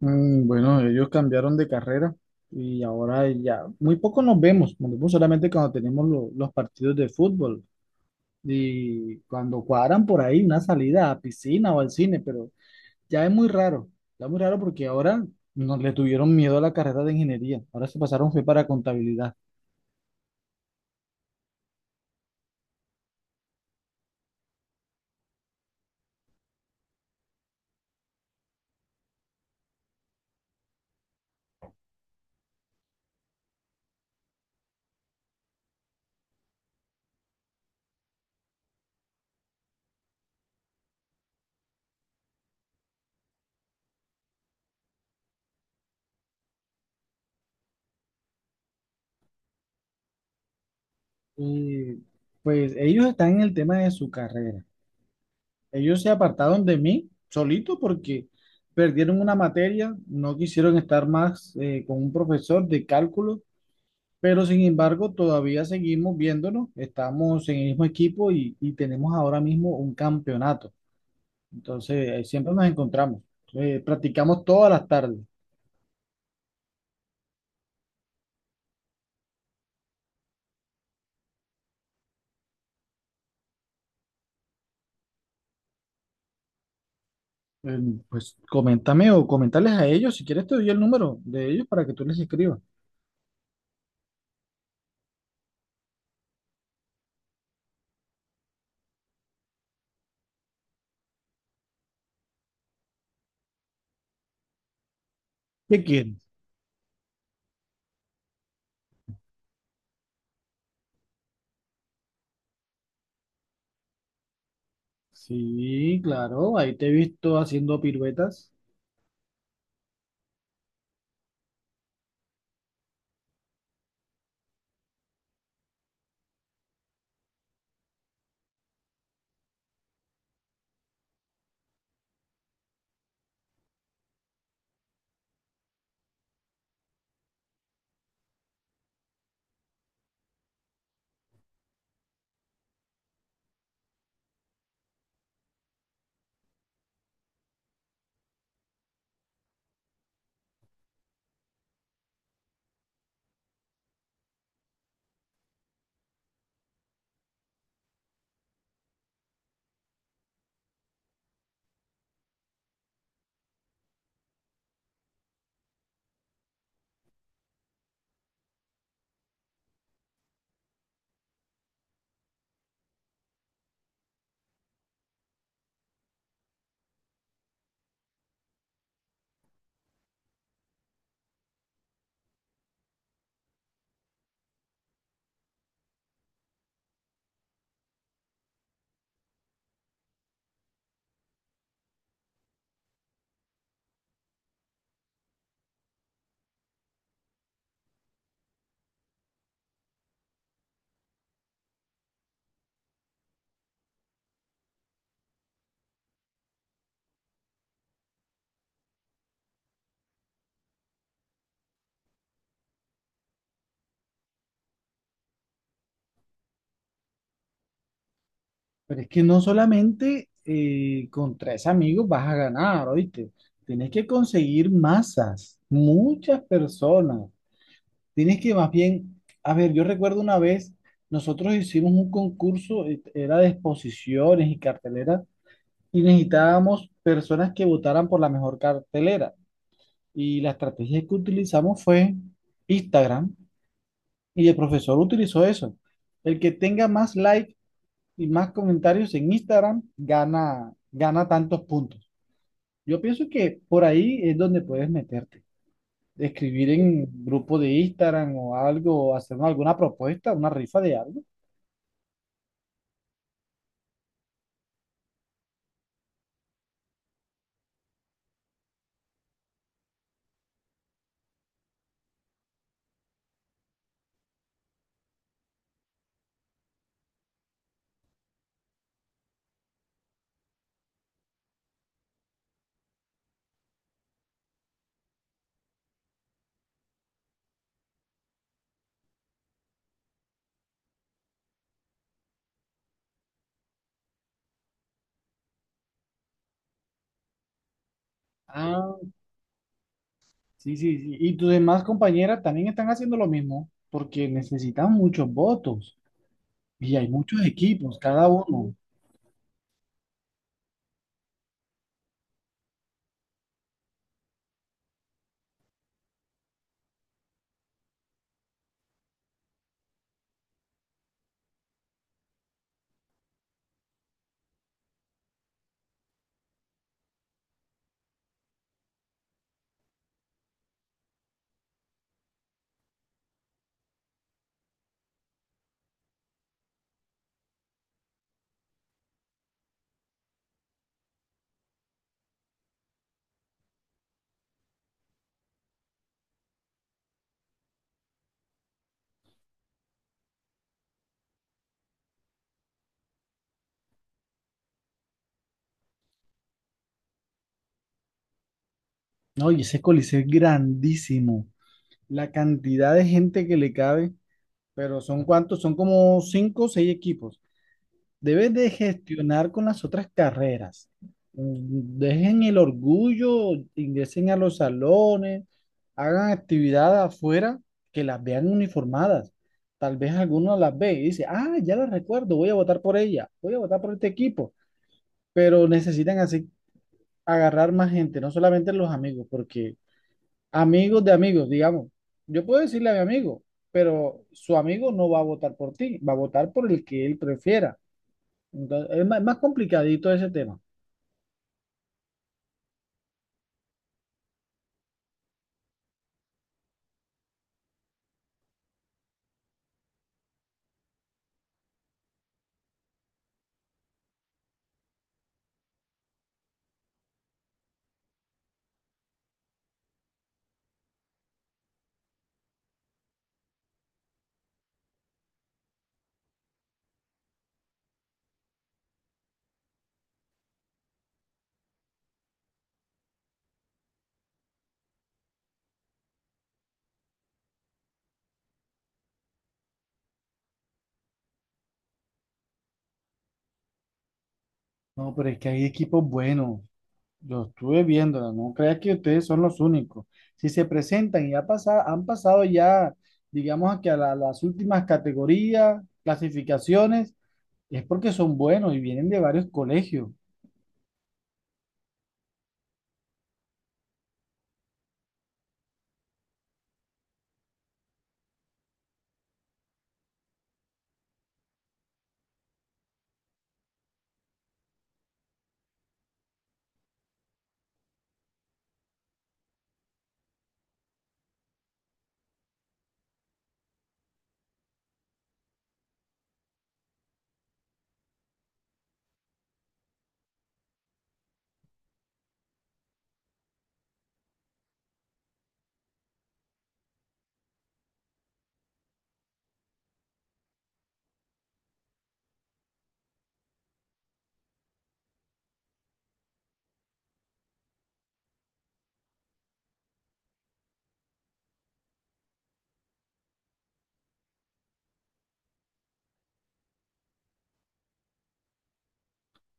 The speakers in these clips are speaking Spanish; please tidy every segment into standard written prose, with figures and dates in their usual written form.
Mm, bueno, ellos cambiaron de carrera y ahora ya muy poco nos vemos solamente cuando tenemos los partidos de fútbol y cuando cuadran por ahí una salida a piscina o al cine, pero ya es muy raro, ya es muy raro porque ahora nos le tuvieron miedo a la carrera de ingeniería, ahora se pasaron fue para contabilidad. Y pues ellos están en el tema de su carrera, ellos se apartaron de mí solito porque perdieron una materia, no quisieron estar más con un profesor de cálculo. Pero sin embargo, todavía seguimos viéndonos, estamos en el mismo equipo y tenemos ahora mismo un campeonato. Entonces, siempre nos encontramos. Practicamos todas las tardes. Eh, pues coméntame o comentarles a ellos, si quieres te doy el número de ellos para que tú les escribas. ¿Qué quieres? Sí, claro, ahí te he visto haciendo piruetas, pero es que no solamente con tres amigos vas a ganar, ¿oíste? Tienes que conseguir masas, muchas personas. Tienes que más bien, a ver, yo recuerdo una vez, nosotros hicimos un concurso, era de exposiciones y cartelera, y necesitábamos personas que votaran por la mejor cartelera. Y la estrategia que utilizamos fue Instagram, y el profesor utilizó eso. El que tenga más likes y más comentarios en Instagram gana, gana tantos puntos. Yo pienso que por ahí es donde puedes meterte. Escribir en grupo de Instagram o algo, o hacernos alguna propuesta, una rifa de algo. Ah, sí, sí, sí. Y tus demás compañeras también están haciendo lo mismo, porque necesitan muchos votos y hay muchos equipos, cada uno. No, y ese coliseo es grandísimo. La cantidad de gente que le cabe, pero ¿son cuántos? Son como cinco o seis equipos. Debes de gestionar con las otras carreras. Mm, dejen el orgullo, ingresen a los salones, hagan actividad afuera, que las vean uniformadas. Tal vez alguno las ve y dice, ah, ya la recuerdo, voy a votar por ella, voy a votar por este equipo. Pero necesitan así agarrar más gente, no solamente los amigos, porque amigos de amigos, digamos, yo puedo decirle a mi amigo, pero su amigo no va a votar por ti, va a votar por el que él prefiera. Entonces, es más, más complicadito ese tema. No, pero es que hay equipos buenos. Yo estuve viéndola, no creas que ustedes son los únicos. Si se presentan y han pasado ya, digamos a que a las últimas categorías, clasificaciones, es porque son buenos y vienen de varios colegios.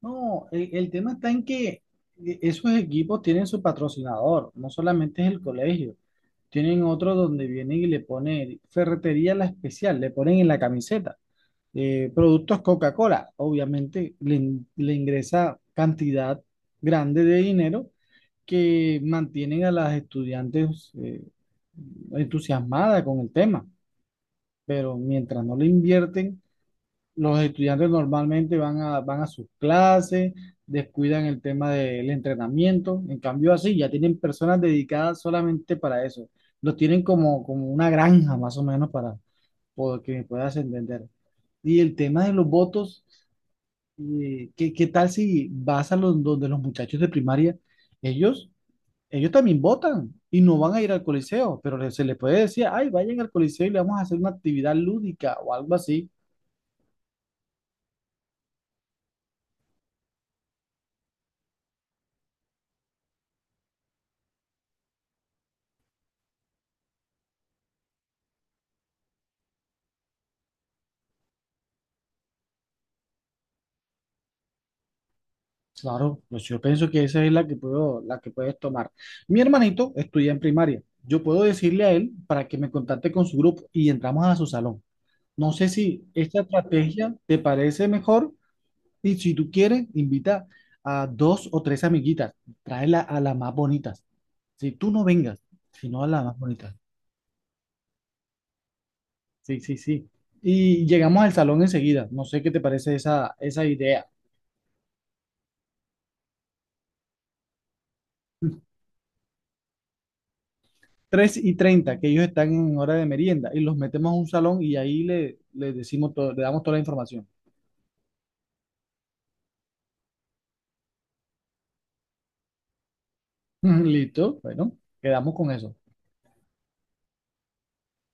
No, el tema está en que esos equipos tienen su patrocinador, no solamente es el colegio. Tienen otro donde vienen y le ponen ferretería la especial, le ponen en la camiseta, productos Coca-Cola. Obviamente le ingresa cantidad grande de dinero que mantienen a las estudiantes entusiasmadas con el tema, pero mientras no le invierten, los estudiantes normalmente van a sus clases, descuidan el tema del entrenamiento, en cambio así, ya tienen personas dedicadas solamente para eso, los tienen como una granja más o menos para poder, que me puedas entender. Y el tema de los votos. Qué tal si vas a los, donde los muchachos de primaria? Ellos, ellos también votan y no van a ir al coliseo, pero se les puede decir, ay, vayan al coliseo y le vamos a hacer una actividad lúdica o algo así. Claro, pues yo pienso que esa es la que puedo, la que puedes tomar. Mi hermanito estudia en primaria. Yo puedo decirle a él para que me contacte con su grupo y entramos a su salón. No sé si esta estrategia te parece mejor. Y si tú quieres, invita a dos o tres amiguitas, tráela a las más bonitas. Si tú no vengas, sino a las más bonitas. Sí, sí, sí. Y llegamos al salón enseguida. No sé qué te parece esa idea. 3:30, que ellos están en hora de merienda, y los metemos a un salón y ahí le decimos todo, le damos toda la información. Listo, bueno, quedamos con eso.